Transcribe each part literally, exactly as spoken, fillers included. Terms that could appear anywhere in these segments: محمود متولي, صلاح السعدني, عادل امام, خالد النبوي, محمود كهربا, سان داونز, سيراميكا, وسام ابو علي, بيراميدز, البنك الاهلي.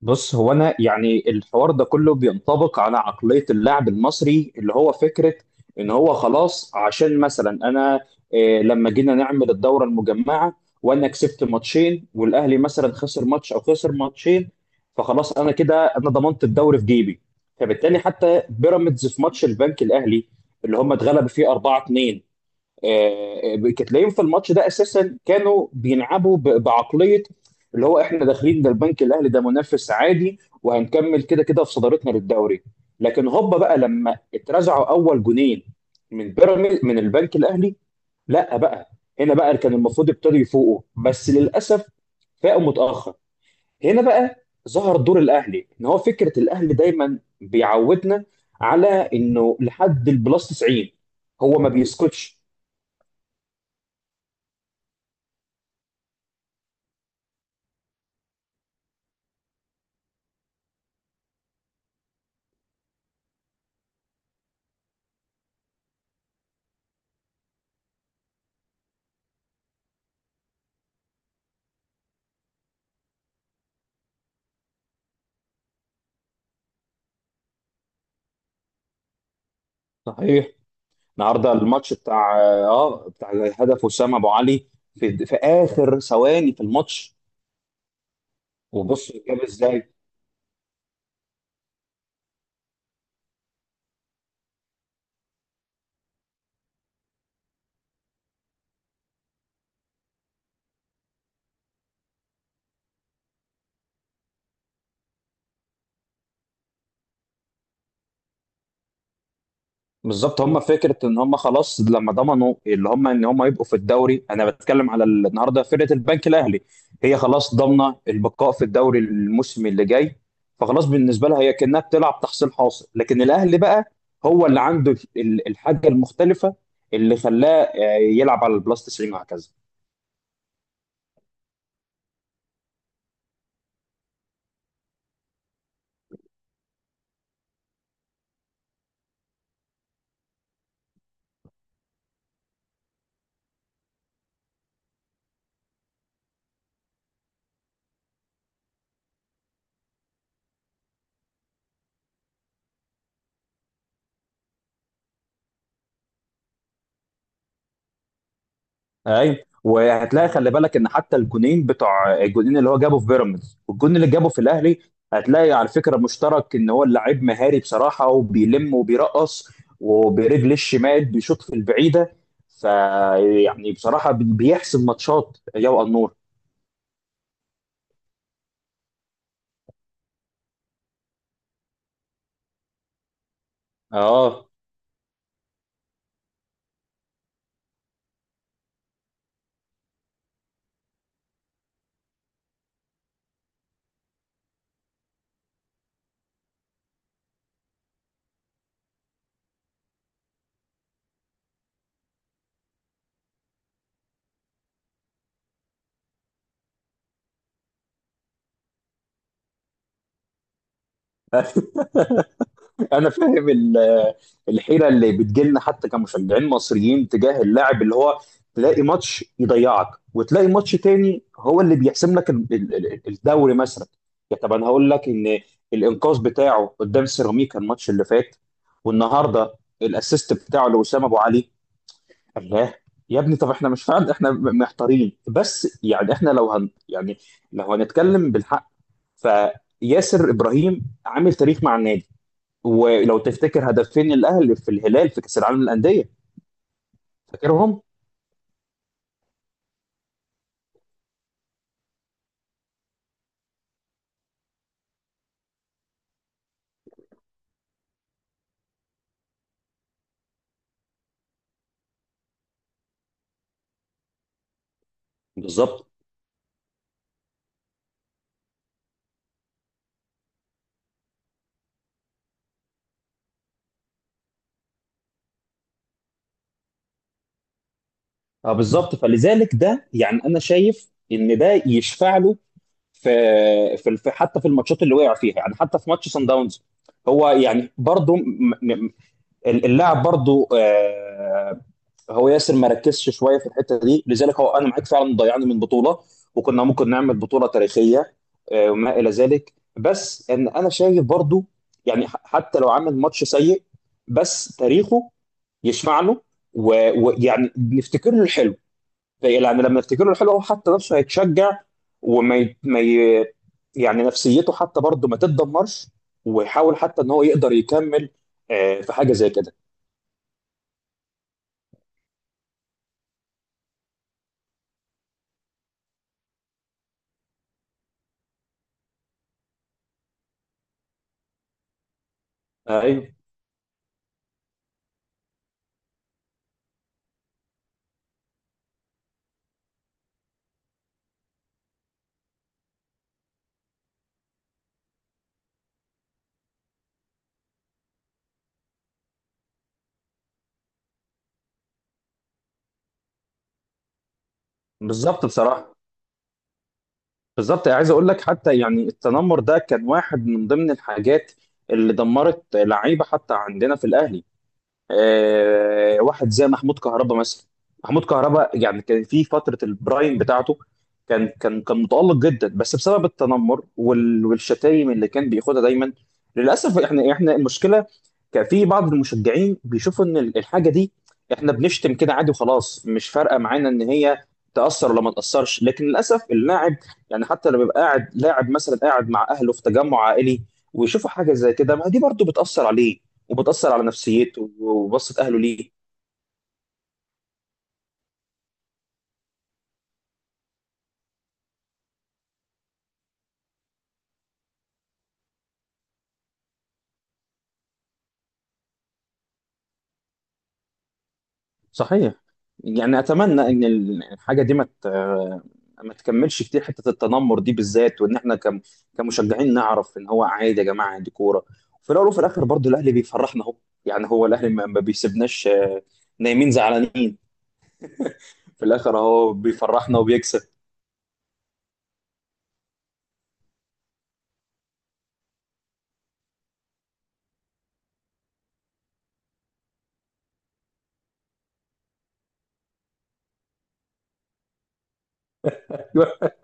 بص هو انا يعني الحوار ده كله بينطبق على عقلية اللاعب المصري اللي هو فكرة ان هو خلاص عشان مثلا انا آه، لما جينا نعمل الدورة المجمعة وانا كسبت ماتشين والاهلي مثلا خسر ماتش او خسر ماتشين، فخلاص انا كده انا ضمنت الدوري في جيبي. فبالتالي حتى بيراميدز في ماتش البنك الاهلي اللي هم اتغلبوا فيه أربعة اتنين، آه، آه، تلاقيهم في الماتش ده اساسا كانوا بيلعبوا ب- بعقليه اللي هو احنا داخلين ده، البنك الاهلي ده منافس عادي وهنكمل كده كده في صدارتنا للدوري. لكن هوبا بقى لما اترزعوا اول جونين من بيراميد من البنك الاهلي، لا بقى، هنا بقى كان المفروض ابتدوا يفوقوا، بس للاسف فاقوا متاخر. هنا بقى ظهر دور الاهلي ان هو فكره الاهلي دايما بيعودنا على انه لحد البلس تسعين هو ما بيسكتش. صحيح. النهارده الماتش بتاع اه بتاع هدف وسام ابو علي في في اخر ثواني في الماتش. وبص جاب ازاي. بالظبط، هم فكره ان هم خلاص لما ضمنوا اللي هم ان هم يبقوا في الدوري، انا بتكلم على ال- النهارده فرقه البنك الاهلي، هي خلاص ضامنه البقاء في الدوري الموسم اللي جاي. فخلاص بالنسبه لها هي كانها بتلعب تحصيل حاصل. لكن الاهلي بقى هو اللي عنده ال- الحاجه المختلفه اللي خلاه، آه، يلعب على البلاس تسعين وهكذا. ايوه. وهتلاقي خلي بالك ان حتى الجونين بتوع الجونين اللي هو جابه في بيراميدز والجون اللي جابه في الاهلي، هتلاقي على فكره مشترك ان هو اللاعب مهاري بصراحه، وبيلم وبيرقص وبرجل الشمال بيشوط في البعيده. فيعني بصراحه بي- بيحسم ماتشات يا النور. اه انا فاهم ال- الحيره اللي بتجيلنا حتى كمشجعين مصريين تجاه اللاعب، اللي هو تلاقي ماتش يضيعك وتلاقي ماتش تاني هو اللي بيحسم لك ال- ال- ال- الدوري مثلا. يا طب انا هقول لك ان الانقاذ بتاعه قدام سيراميكا الماتش اللي فات، والنهارده الاسيست بتاعه لوسام ابو علي، الله يا ابني. طب احنا مش فاهم احنا م- محتارين، بس يعني احنا لو هن يعني لو هنتكلم بالحق فياسر ابراهيم عامل تاريخ مع النادي. ولو تفتكر هدفين الاهلي في الهلال في كاس العالم للانديه، فاكرهم. بالظبط. اه بالظبط، فلذلك ده يعني انا شايف ان ده يشفع له في في في- حتى في الماتشات اللي وقع فيها، يعني حتى في ماتش سان داونز هو يعني برضه م- م- اللاعب برضه، هو ياسر ما ركزش شويه في الحته دي، لذلك هو انا معاك فعلا ضيعنا من بطوله وكنا ممكن نعمل بطوله تاريخيه، آه، وما الى ذلك. بس ان انا شايف برضو، يعني ح- حتى لو عمل ماتش سيء، بس تاريخه يشفع له و- ويعني نفتكر له الحلو. يعني لما نفتكر له الحلو هو حتى نفسه هيتشجع، وما ي... ما ي... يعني نفسيته حتى برضه ما تتدمرش، ويحاول حتى ان هو يقدر يكمل، آه، في حاجه زي كده. ايوه بالظبط. بصراحه بالظبط عايز اقول لك، حتى يعني التنمر ده كان واحد من ضمن الحاجات اللي دمرت لعيبه حتى عندنا في الاهلي. آه، واحد زي محمود كهربا مثلا. محمود كهربا يعني كان في فتره البرايم بتاعته، كان كان كان متالق جدا، بس بسبب التنمر وال- والشتايم اللي كان بياخدها دايما للاسف. احنا احنا المشكله كان في بعض المشجعين بيشوفوا ان ال- الحاجه دي، احنا بنشتم كده عادي وخلاص، مش فارقه معانا ان هي تاثر ولا ما تاثرش. لكن للاسف اللاعب يعني حتى لما بيبقى قاعد لاعب مثلا قاعد مع اهله في تجمع عائلي ويشوفوا حاجه زي كده، ما دي برضو بتاثر عليه وبتأثر على نفسيته وبصة أهله ليه. صحيح. يعني أتمنى إن ال- الحاجة دي ما مت... ما تكملش كتير، حتة التنمر دي بالذات، وإن إحنا كم... كمشجعين نعرف إن هو عادي يا جماعة، دي كورة. وفي الأول وفي الآخر برضه الأهلي بيفرحنا أهو، يعني هو الأهلي ما ما بيسيبناش آه، نايمين زعلانين. في الآخر أهو بيفرحنا وبيكسب.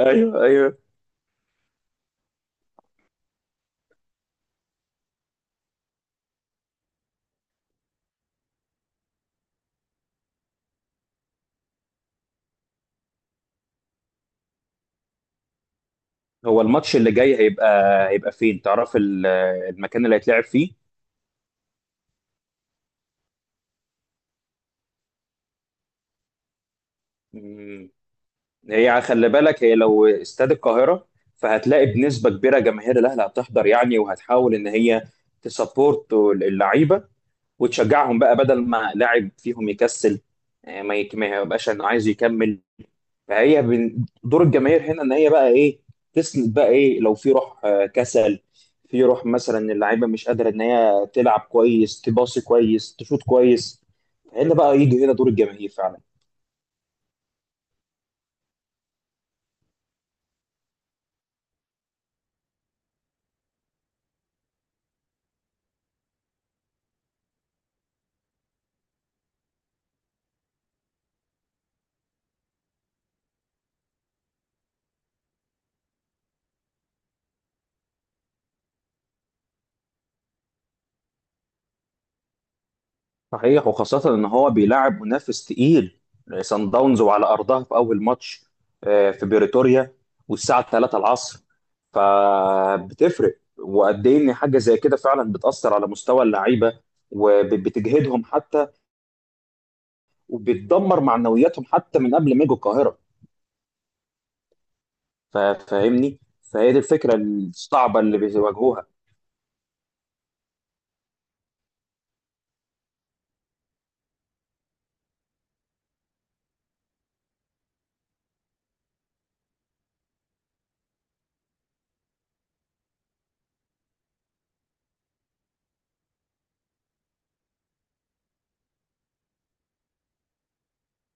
أيوه أيوه. هو الماتش اللي جاي هيبقى هيبقى فين تعرف ال- المكان اللي هيتلعب فيه؟ هي خلي بالك هي لو استاد القاهرة فهتلاقي بنسبة كبيرة جماهير الأهلي هتحضر، يعني وهتحاول إن هي تسبورت اللعيبة وتشجعهم بقى، بدل ما لاعب فيهم يكسل، آه، ما يك- ما يبقاش إنه عايز يكمل. فهي بن- دور الجماهير هنا إن هي بقى إيه؟ تسند بقى إيه لو في روح، آه، كسل في روح مثلا، اللعيبة مش قادرة إن هي تلعب كويس تباصي كويس تشوط كويس، هنا بقى يجي هنا دور الجماهير فعلا. صحيح، وخاصة إن هو بيلعب منافس تقيل سان داونز وعلى أرضها في أول ماتش، آه، في بريتوريا والساعة ثلاثة العصر. فبتفرق وقد إيه إن حاجة زي كده فعلا بتأثر على مستوى اللعيبة وبتجهدهم حتى، وبتدمر معنوياتهم حتى من قبل ما يجوا القاهرة. فا- فاهمني؟ فهي دي الفكرة الصعبة اللي بيواجهوها.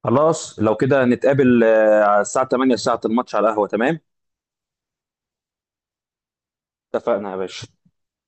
خلاص لو كده نتقابل آه، على الساعة تمانية ساعة الماتش على القهوة، تمام؟ اتفقنا يا باشا.